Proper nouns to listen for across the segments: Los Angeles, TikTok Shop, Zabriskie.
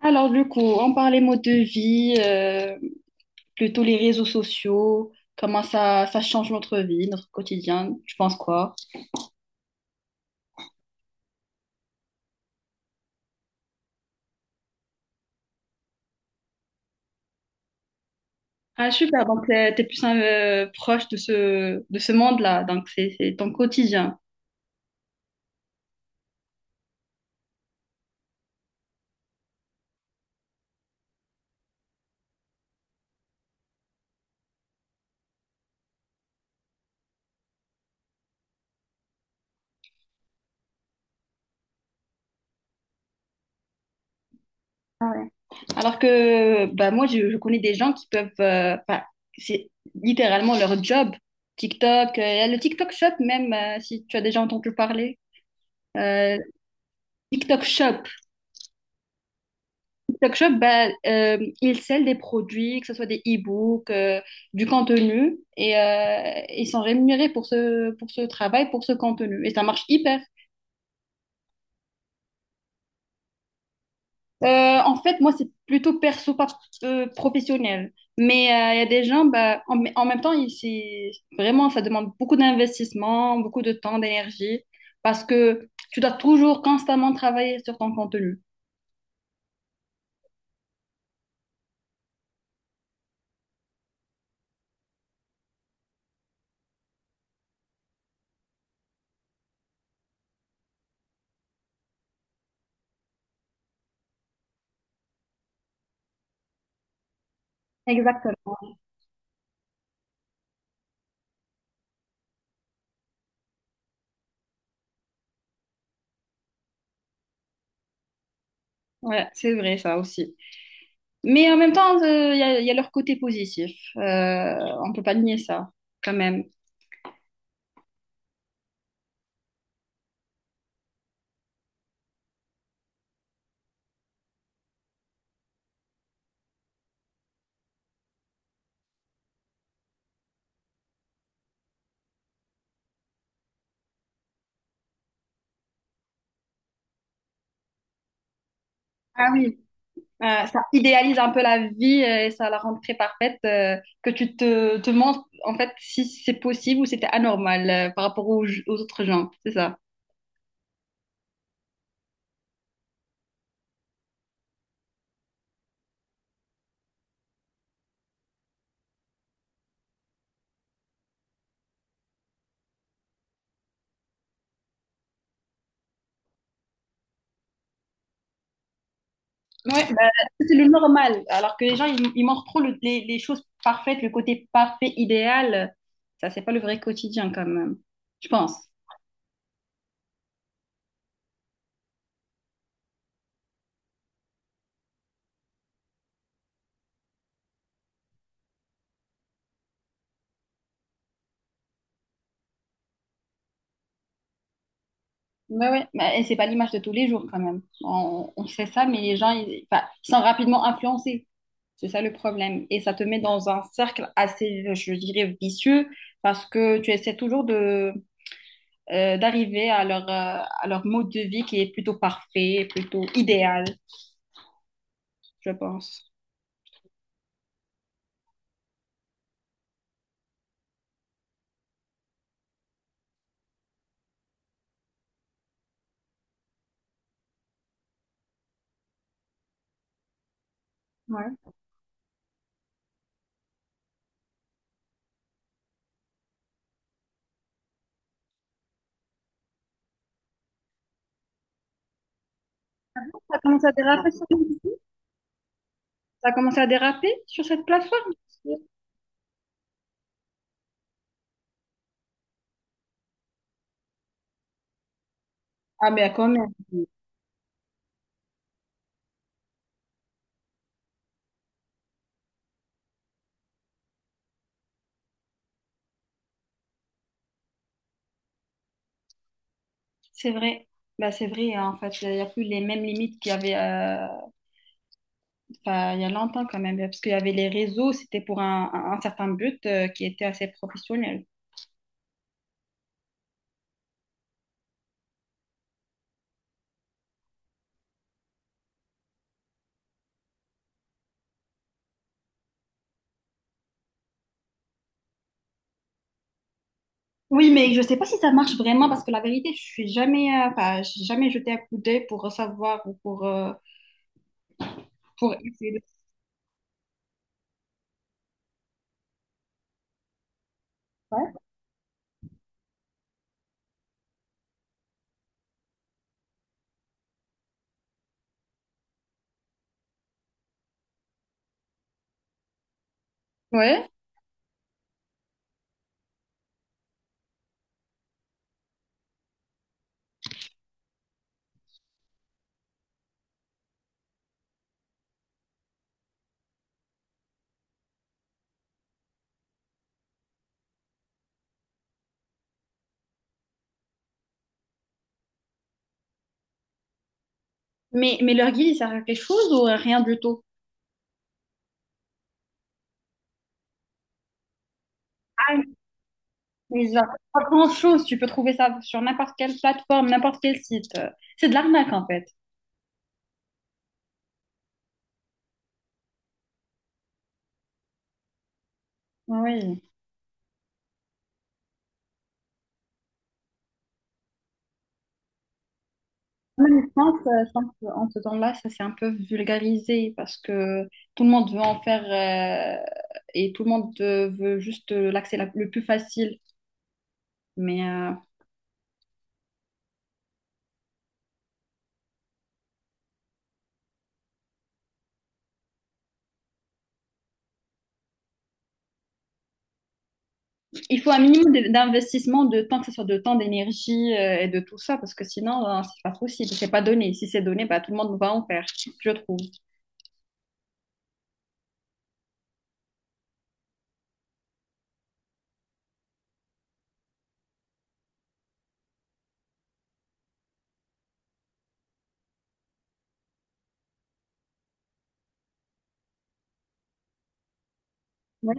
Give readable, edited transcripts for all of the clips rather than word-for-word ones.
Alors, du coup, on parlait mode de vie, plutôt les réseaux sociaux, comment ça, ça change notre vie, notre quotidien, tu penses quoi? Ah, super, donc t'es plus proche de ce monde-là, donc c'est ton quotidien. Ah ouais. Alors que bah, moi, je connais des gens qui peuvent, bah, c'est littéralement leur job, TikTok, il y a le TikTok Shop même, si tu as déjà entendu parler. Euh, TikTok Shop, TikTok Shop, bah, ils scellent des produits, que ce soit des e-books, du contenu, et ils sont rémunérés pour ce travail, pour ce contenu. Et ça marche hyper. Euh, En fait, moi, c'est plutôt perso, pas professionnel. Mais il y a des gens, bah, en même temps, c'est vraiment, ça demande beaucoup d'investissement, beaucoup de temps, d'énergie, parce que tu dois toujours constamment travailler sur ton contenu. Exactement. Ouais, c'est vrai, ça aussi. Mais en même temps, il y a leur côté positif. Euh, on peut pas nier ça, quand même. Ah oui. Ça idéalise un peu la vie et ça la rend très parfaite, que tu te demandes en fait si c'est possible ou si c'était anormal par rapport aux autres gens, c'est ça. Ouais. Si c'est le normal, alors que les gens, ils montrent trop les choses parfaites, le côté parfait, idéal. Ça, c'est pas le vrai quotidien quand même, je pense. Ouais, ouais. Mais et c'est pas l'image de tous les jours quand même. On sait ça, mais les gens, ils, enfin, ils sont rapidement influencés. C'est ça le problème. Et ça te met dans un cercle assez, je dirais, vicieux parce que tu essaies toujours d'arriver à à leur mode de vie qui est plutôt parfait, plutôt idéal, je pense. Ouais. Ça commence à déraper sur, ça commence à déraper sur cette plateforme. Ah, mais quand même. C'est vrai. Bah, c'est vrai, hein, en fait. Il n'y a plus les mêmes limites qu'il y avait. Euh, enfin, il y a longtemps quand même, parce qu'il y avait les réseaux, c'était pour un certain but qui était assez professionnel. Oui, mais je sais pas si ça marche vraiment, parce que la vérité, je suis jamais, enfin, j'ai jamais jeté un coup d'œil pour savoir ou pour essayer de faire. Ouais. Mais leur guide, il sert à quelque chose ou rien du tout? Ah, mais genre, pas grand-chose, tu peux trouver ça sur n'importe quelle plateforme, n'importe quel site. C'est de l'arnaque en fait. Oui. En même temps, ça- je pense qu'en ce temps-là, ça s'est un peu vulgarisé parce que tout le monde veut en faire euh, et tout le monde veut juste le plus facile. Mais il faut un minimum d'investissement de temps, que ce soit de temps, d'énergie et de tout ça, parce que sinon, c'est pas possible, c'est pas donné. Si c'est donné, bah, tout le monde va en faire, je trouve. Ouais.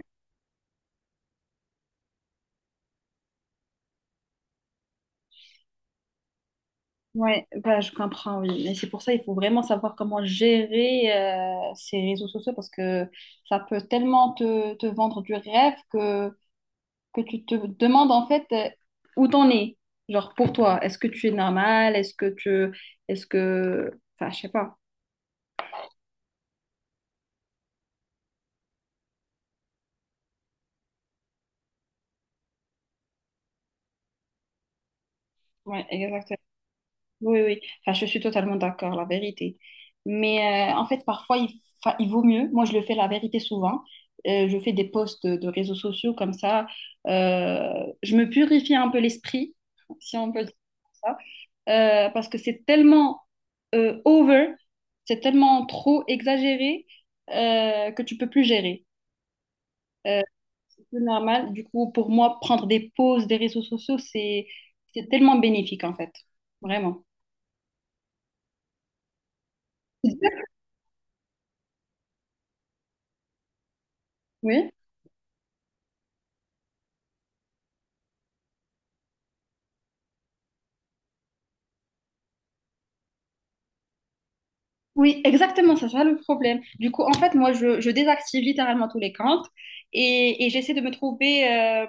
Ouais, bah, je comprends, oui. Et c'est pour ça il faut vraiment savoir comment gérer ces réseaux sociaux parce que ça peut tellement te vendre du rêve que tu te demandes en fait où t'en es. Genre pour toi, est-ce que tu es normal? Est-ce que tu... Est-ce que... Enfin, je sais pas. Ouais, oui, oui. Enfin, je suis totalement d'accord, la vérité. Mais en fait, parfois, il vaut mieux. Moi, je le fais la vérité souvent. Je fais des posts de réseaux sociaux comme ça. Je me purifie un peu l'esprit, si on peut dire ça. Parce que c'est tellement over, c'est tellement trop exagéré que tu peux plus gérer. Euh, c'est plus normal. Du coup, pour moi, prendre des pauses des réseaux sociaux, c'est tellement bénéfique, en fait. Vraiment. Oui. Oui, exactement, c'est ça le problème. Du coup, en fait, moi, je désactive littéralement tous les comptes et j'essaie de me trouver,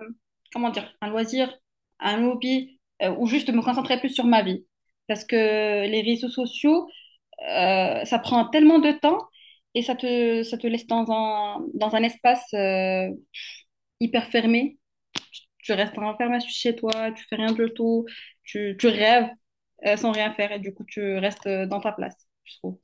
comment dire, un loisir, un hobby ou juste de me concentrer plus sur ma vie. Parce que les réseaux sociaux, ça prend tellement de temps et ça te laisse dans dans un espace hyper fermé. Tu restes enfermé chez toi, tu fais rien du tout, tu rêves sans rien faire et du coup, tu restes dans ta place, je trouve.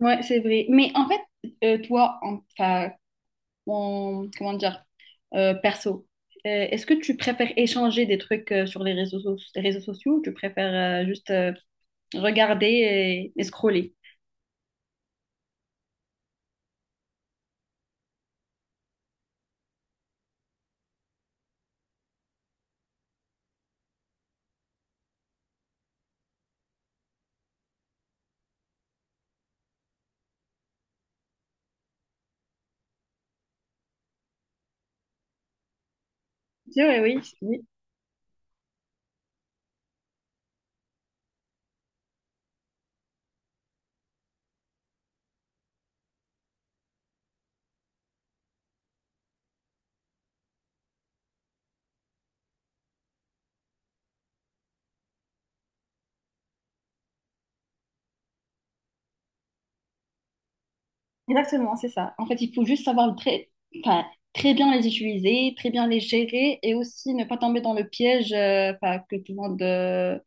Ouais, c'est vrai. Mais en fait, enfin, comment dire, perso, est-ce que tu préfères échanger des trucs sur les réseaux sociaux ou tu préfères juste regarder et scroller? Oui, oui, oui, exactement, c'est ça. En fait, il faut juste savoir très, enfin, très bien les utiliser, très bien les gérer et aussi ne pas tomber dans le piège enfin, que tout le monde euh,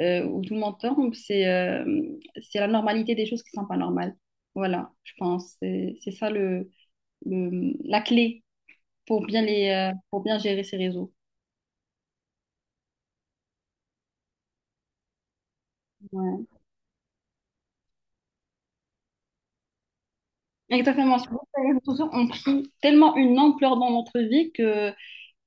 euh, où tout le monde tombe, c'est la normalité des choses qui sont pas normales. Voilà, je pense. C'est ça la clé pour bien, pour bien gérer ces réseaux. Ouais. Exactement. Sur les réseaux sociaux ont pris tellement une ampleur dans notre vie que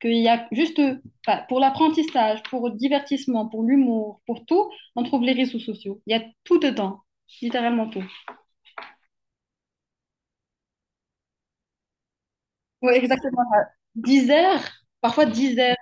qu'il y a juste eux. Enfin, pour l'apprentissage, pour le divertissement, pour l'humour, pour tout, on trouve les réseaux sociaux. Il y a tout dedans, littéralement tout. Oui, exactement. 10 heures, parfois 10 heures.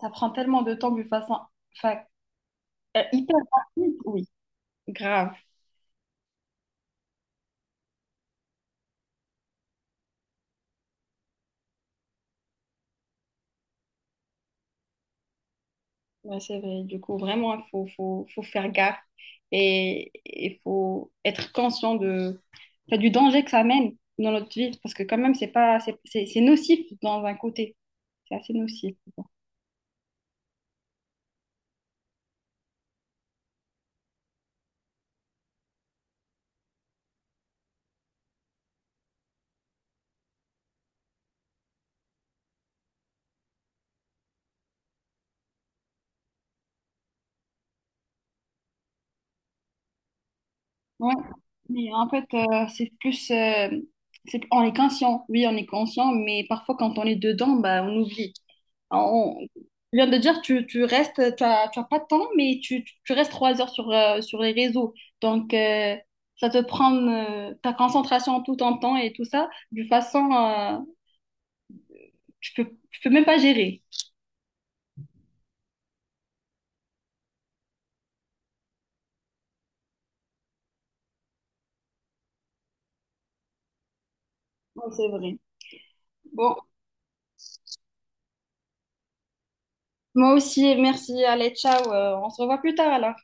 Ça prend tellement de temps de façon, enfin, euh, hyper rapide, oui, grave. Ouais, c'est vrai. Du coup, vraiment, faut faire gaffe et il faut être conscient de, enfin, du danger que ça amène dans notre vie. Parce que quand même, c'est pas, c'est nocif dans un côté. C'est assez nocif. Ouais. Mais en fait, c'est plus... c'est, on est conscient, oui, on est conscient, mais parfois quand on est dedans, bah, on oublie. On- tu viens de dire, tu as pas de temps, mais tu restes 3 heures sur, sur les réseaux. Donc, ça te prend ta concentration tout en temps et tout ça, de façon, tu peux même pas gérer. Non, c'est vrai. Bon, moi aussi, merci, allez, ciao, on se revoit plus tard alors.